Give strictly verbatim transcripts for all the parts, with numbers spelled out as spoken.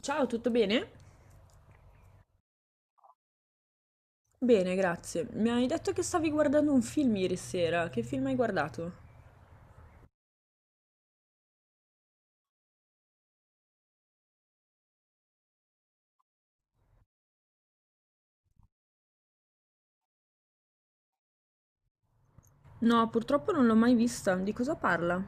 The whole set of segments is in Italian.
Ciao, tutto bene? Bene, grazie. Mi hai detto che stavi guardando un film ieri sera. Che film hai guardato? No, purtroppo non l'ho mai vista. Di cosa parla?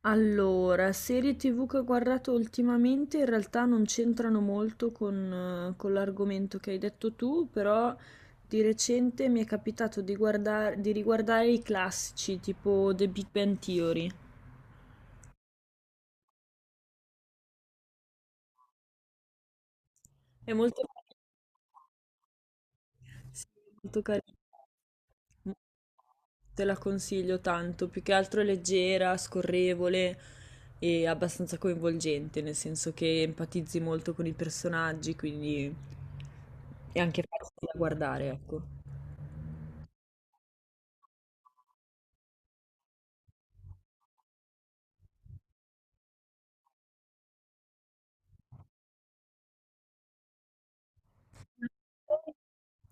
Allora, serie T V che ho guardato ultimamente in realtà non c'entrano molto con, eh, con l'argomento che hai detto tu, però di recente mi è capitato di guardare, di riguardare i classici, tipo The Big Bang Theory. È molto, sì, molto carino. Te la consiglio tanto, più che altro è leggera, scorrevole e abbastanza coinvolgente, nel senso che empatizzi molto con i personaggi, quindi è anche facile da guardare, ecco.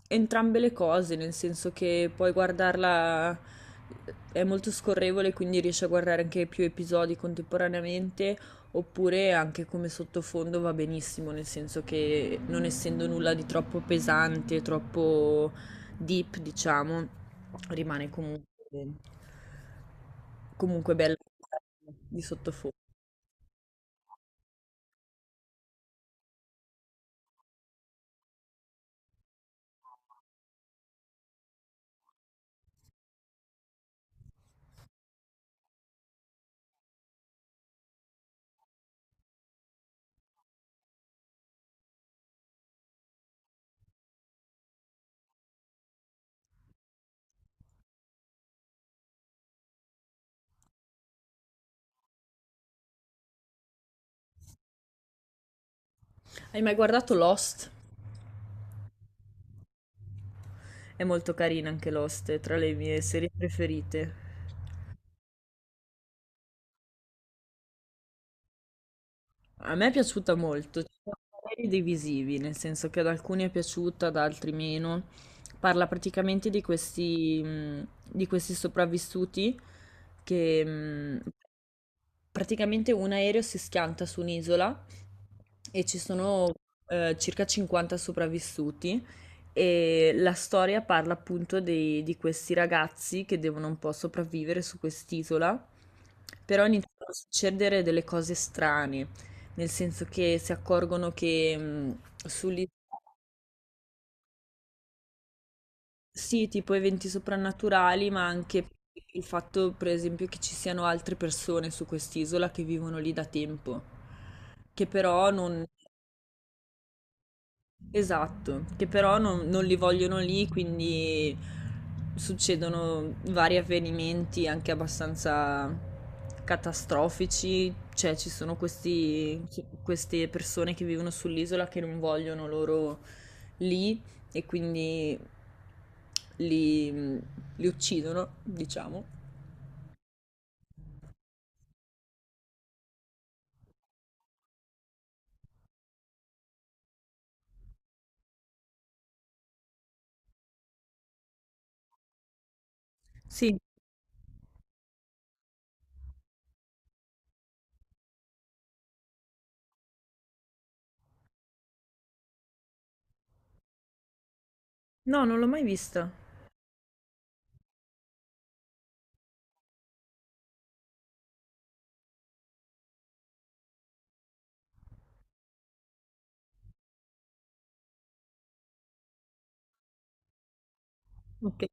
Entrambe le cose, nel senso che puoi guardarla, è molto scorrevole, quindi riesci a guardare anche più episodi contemporaneamente, oppure anche come sottofondo va benissimo, nel senso che non essendo nulla di troppo pesante, troppo deep, diciamo, rimane comunque, comunque bella di sottofondo. Hai mai guardato Lost? È molto carina anche Lost, è tra le mie serie preferite. A me è piaciuta molto, ci sono pareri divisivi, nel senso che ad alcuni è piaciuta, ad altri meno. Parla praticamente di questi, mh, di questi sopravvissuti che mh, praticamente un aereo si schianta su un'isola e ci sono eh, circa cinquanta sopravvissuti e la storia parla appunto dei- di questi ragazzi che devono un po' sopravvivere su quest'isola, però iniziano a succedere delle cose strane. Nel senso che si accorgono che mh, sugli sì, tipo eventi soprannaturali, ma anche il fatto, per esempio, che ci siano altre persone su quest'isola che vivono lì da tempo, che però non... Esatto, che però non, non li vogliono lì, quindi succedono vari avvenimenti anche abbastanza catastrofici, cioè ci sono questi, queste persone che vivono sull'isola che non vogliono loro lì e quindi li, li uccidono, diciamo. Sì, no, non l'ho mai vista. Ok,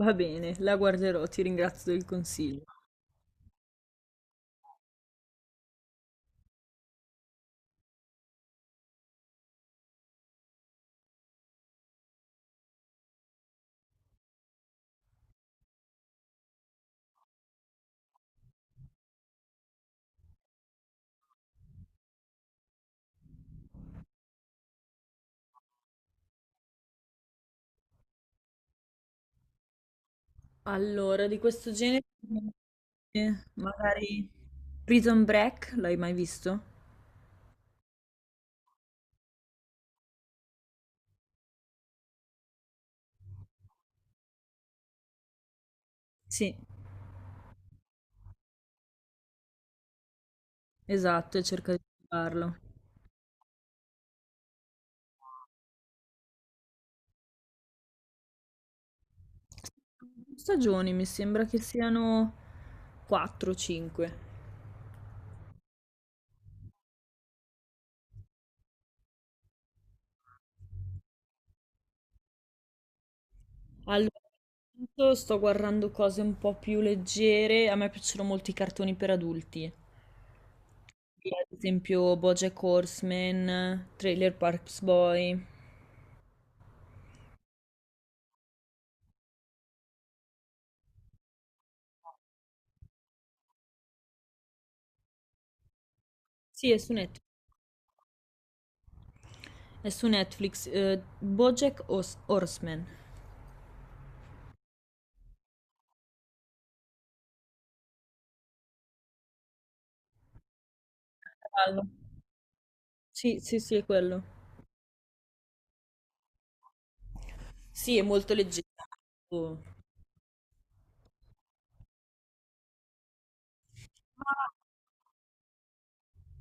va bene, la guarderò, ti ringrazio del consiglio. Allora, di questo genere, eh, magari Prison Break, l'hai mai visto? Sì, esatto, e cerca di farlo. Stagioni, mi sembra che siano quattro cinque. Allora, intanto sto guardando cose un po' più leggere. A me piacciono molti i cartoni per adulti. Quindi, ad esempio BoJack Horseman, Trailer Parks Boy. Sì, è su Net- è su Netflix. eh, BoJack Hos- Horseman. Cavallo. Sì, sì, sì, è quello. Sì, è molto leggero. Oh.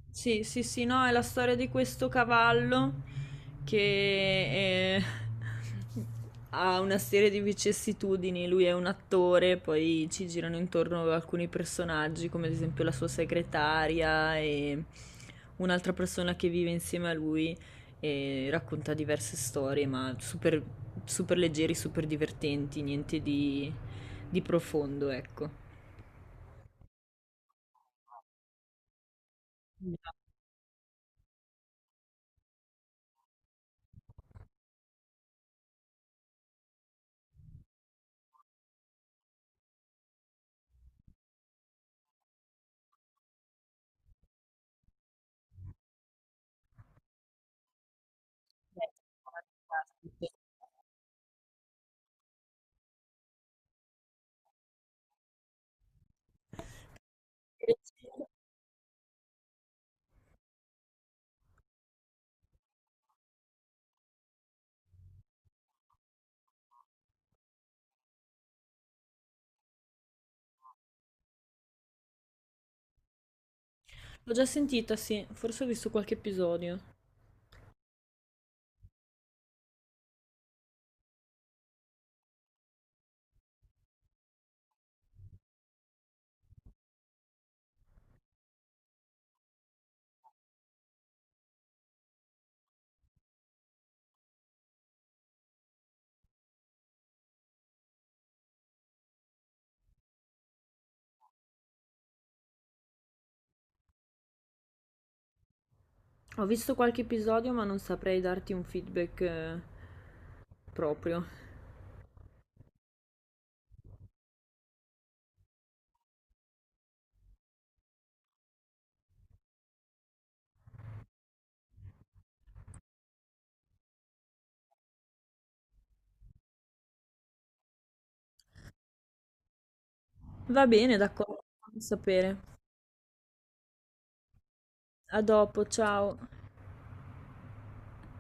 Sì, sì, sì, no, è la storia di questo cavallo che eh, ha una serie di vicissitudini. Lui è un attore, poi ci girano intorno alcuni personaggi, come ad esempio la sua segretaria e un'altra persona che vive insieme a lui e racconta diverse storie, ma super, super leggeri, super divertenti, niente di, di profondo, ecco. L'ho già sentita, sì, forse ho visto qualche episodio. Ho visto qualche episodio, ma non saprei darti un feedback eh, proprio. Va bene, d'accordo, fammi sapere. A dopo, ciao.